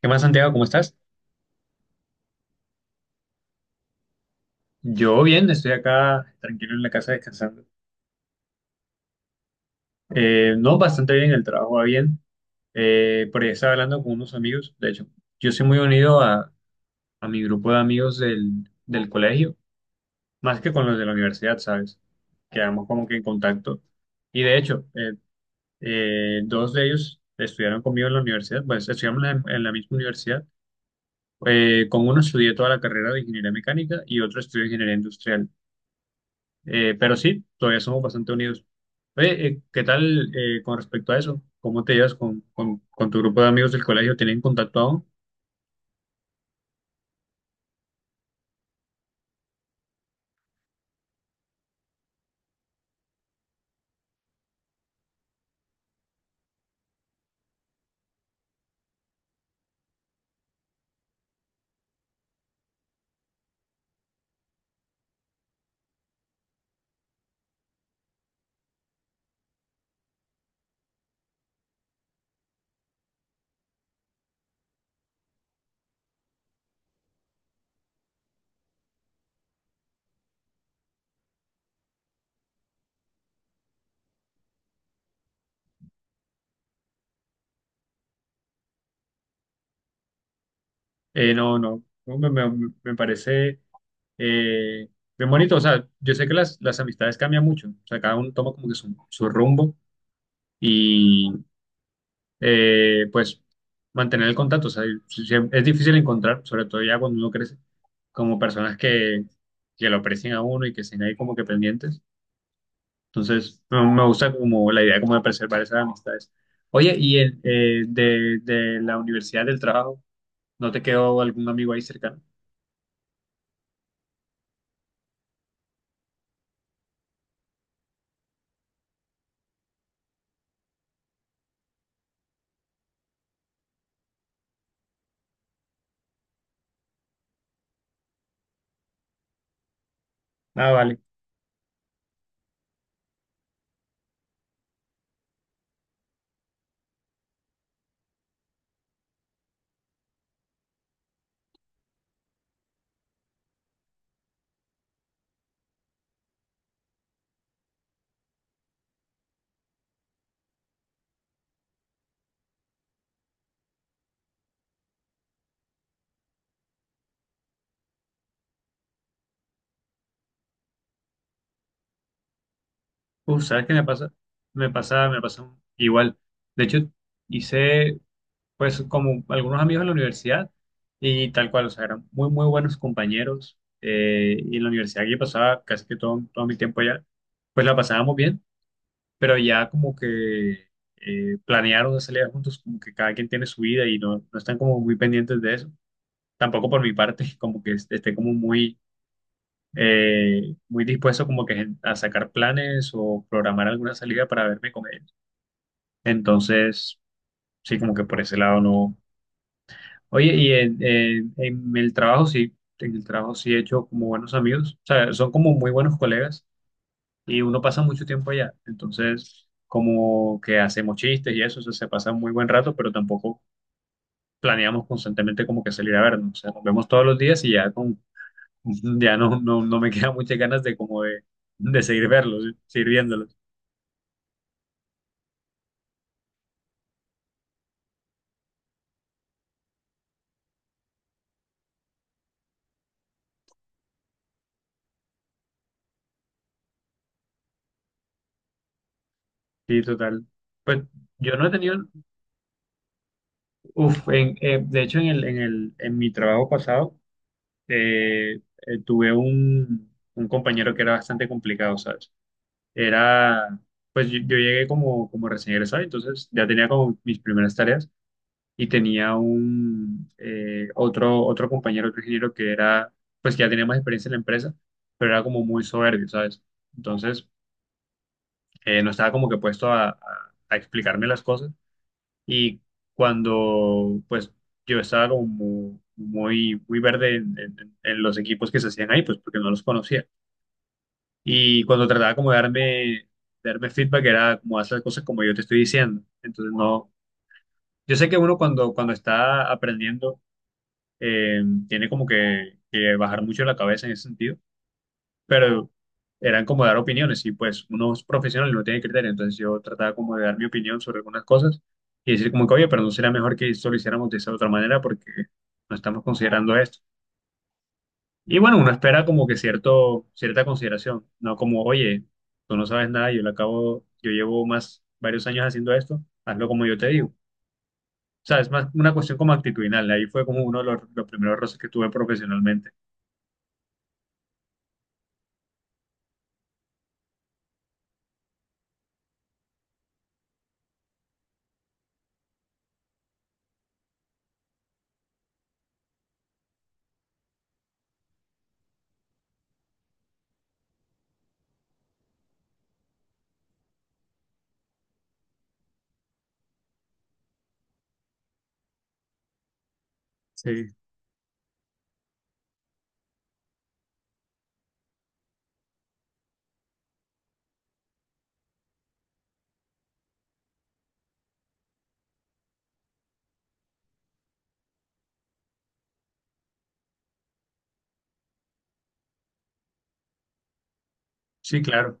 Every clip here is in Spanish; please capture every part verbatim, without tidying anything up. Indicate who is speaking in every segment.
Speaker 1: ¿Qué más, Santiago? ¿Cómo estás? Yo bien, estoy acá tranquilo en la casa descansando. Eh, no, bastante bien, el trabajo va bien. Eh, por ahí estaba hablando con unos amigos. De hecho, yo soy muy unido a, a mi grupo de amigos del, del colegio, más que con los de la universidad, ¿sabes? Quedamos como que en contacto. Y de hecho, eh, eh, dos de ellos estudiaron conmigo en la universidad, pues estudiamos en la, en la misma universidad. Eh, con uno estudié toda la carrera de ingeniería mecánica y otro estudié ingeniería industrial. Eh, pero sí, todavía somos bastante unidos. Oye, eh, ¿qué tal eh, con respecto a eso? ¿Cómo te llevas con, con- con tu grupo de amigos del colegio? ¿Tienen contacto aún? Eh, no, no, no, me, me- me parece eh, bien bonito. O sea, yo sé que las, las amistades cambian mucho. O sea, cada uno toma como que su, su rumbo y eh, pues mantener el contacto. O sea, si- si es difícil encontrar, sobre todo ya cuando uno crece, como personas que, que lo aprecian a uno y que estén ahí como que pendientes. Entonces, me me gusta como la idea como de preservar esas amistades. Oye, ¿y el, eh, de, de la universidad del trabajo, no te quedó algún amigo ahí cercano? Ah, vale. Uf, ¿sabes qué me pasa? Me pasa, me pasa igual. De hecho, hice pues como algunos amigos en la universidad y tal cual, o sea, eran muy, muy buenos compañeros. Eh, y en la universidad que yo pasaba casi que todo, todo mi tiempo allá, pues la pasábamos bien, pero ya como que eh, planearon una salida juntos, como que cada quien tiene su vida y no, no están como muy pendientes de eso. Tampoco por mi parte, como que est- esté como muy, eh, muy dispuesto como que gen- a sacar planes o programar alguna salida para verme con él. Entonces, sí, como que por ese lado no. Oye, y en, en- en el trabajo sí, en el trabajo sí he hecho como buenos amigos, o sea, son como muy buenos colegas y uno pasa mucho tiempo allá. Entonces, como que hacemos chistes y eso, o sea, se pasa un muy buen rato, pero tampoco planeamos constantemente como que salir a vernos. O sea, nos vemos todos los días y ya con, ya no, no, no me quedan muchas ganas de como de, de seguir verlos, ¿sí? Seguir viéndolos. Sí, total. Pues yo no he tenido, uf, en, eh, de hecho en el, en el, en mi trabajo pasado, eh, eh, tuve un, un compañero que era bastante complicado, ¿sabes? Era, pues yo, yo llegué como, como recién egresado, entonces ya tenía como mis primeras tareas y tenía un eh, otro, otro compañero, otro ingeniero que era, pues que ya tenía más experiencia en la empresa, pero era como muy soberbio, ¿sabes? Entonces eh, no estaba como que puesto a, a- a explicarme las cosas y cuando pues yo estaba como mu- muy, muy verde en, en en los equipos que se hacían ahí, pues porque no los conocía. Y cuando trataba como de darme, de darme feedback, era como hacer las cosas como yo te estoy diciendo. Entonces, no, yo sé que uno cuando, cuando está aprendiendo, eh, tiene como que, que bajar mucho la cabeza en ese sentido, pero eran como dar opiniones y pues uno es profesional y no tiene criterio. Entonces yo trataba como de dar mi opinión sobre algunas cosas y decir como que, oye, pero no sería mejor que esto lo hiciéramos de esa otra manera porque no estamos considerando esto. Y bueno, uno espera como que cierto, cierta consideración, no como, oye, tú no sabes nada, yo lo acabo, yo llevo más, varios años haciendo esto, hazlo como yo te digo. O sea, es más una cuestión como actitudinal, ahí fue como uno de los, los primeros roces que tuve profesionalmente. Sí, sí, claro.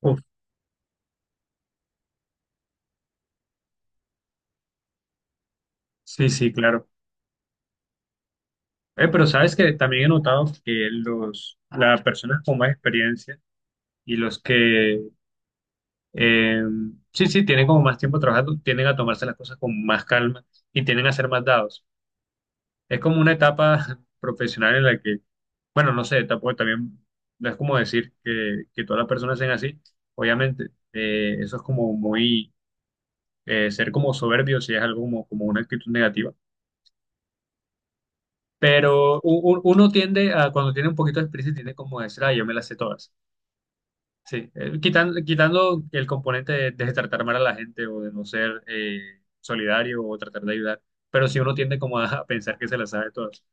Speaker 1: Uf, sí, sí, claro. Eh, pero sabes que también he notado que los, las personas con más experiencia y los que, eh, sí, sí, tienen como más tiempo trabajando, tienden a tomarse las cosas con más calma y tienden a ser más dados. Es como una etapa profesional en la que, bueno, no sé, tampoco también, no es como decir que, que todas las personas sean así. Obviamente, eh, eso es como muy, eh, ser como soberbio, si es algo como, como una actitud negativa. Pero u- u- uno tiende a, cuando tiene un poquito de experiencia, tiende como a decir, ah, yo me las sé todas. Sí, quitando, quitando el componente de, de tratar mal a la gente o de no ser eh, solidario o tratar de ayudar. Pero si uno tiende como a, a pensar que se las sabe todas.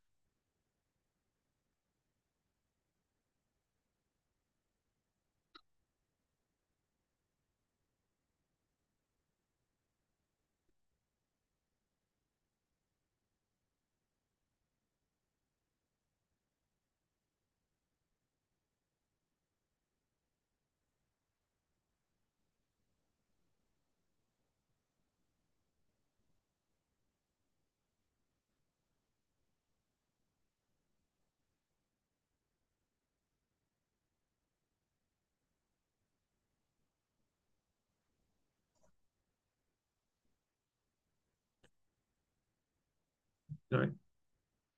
Speaker 1: ¿No?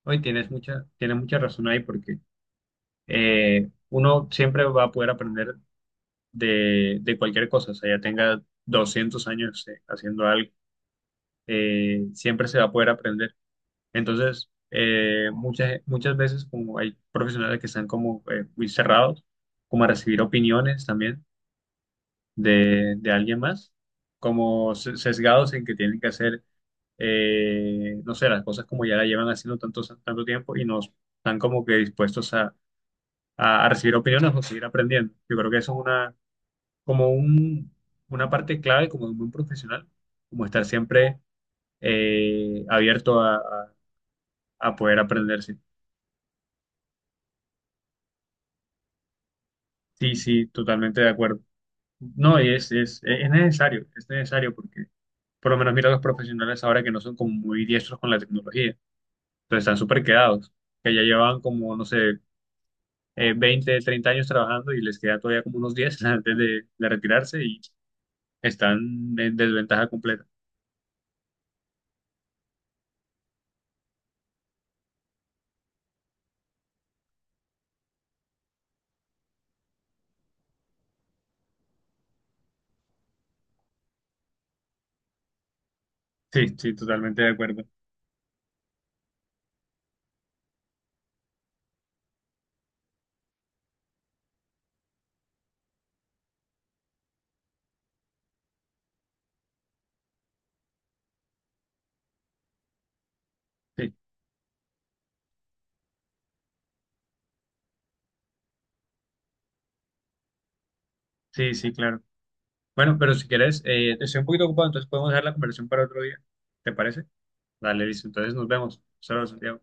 Speaker 1: Hoy tienes mucha, tienes mucha razón ahí porque eh, uno siempre va a poder aprender de, de cualquier cosa, o sea, ya tenga doscientos años eh, haciendo algo, eh, siempre se va a poder aprender. Entonces, eh, muchas, muchas veces como hay profesionales que están como eh, muy cerrados, como a recibir opiniones también de, de alguien más, como se- sesgados en que tienen que hacer, eh, no sé, las cosas como ya la llevan haciendo tanto, tanto tiempo y no están como que dispuestos a a, a recibir opiniones o seguir aprendiendo. Yo creo que eso es una como un, una parte clave como de un buen profesional, como estar siempre eh, abierto a, a- a poder aprender. Sí, sí, sí, totalmente de acuerdo. No, y es, es, es necesario, es necesario porque por lo menos mira los profesionales ahora que no son como muy diestros con la tecnología, entonces están súper quedados, que ya llevan como, no sé, eh, veinte, treinta años trabajando y les queda todavía como unos diez antes de, de retirarse y están en desventaja completa. Sí, sí, totalmente de acuerdo. Sí, sí, sí, claro. Bueno, pero si quieres, eh, estoy un poquito ocupado, entonces podemos dejar la conversación para otro día. ¿Te parece? Dale, listo. Entonces nos vemos. Saludos, Santiago.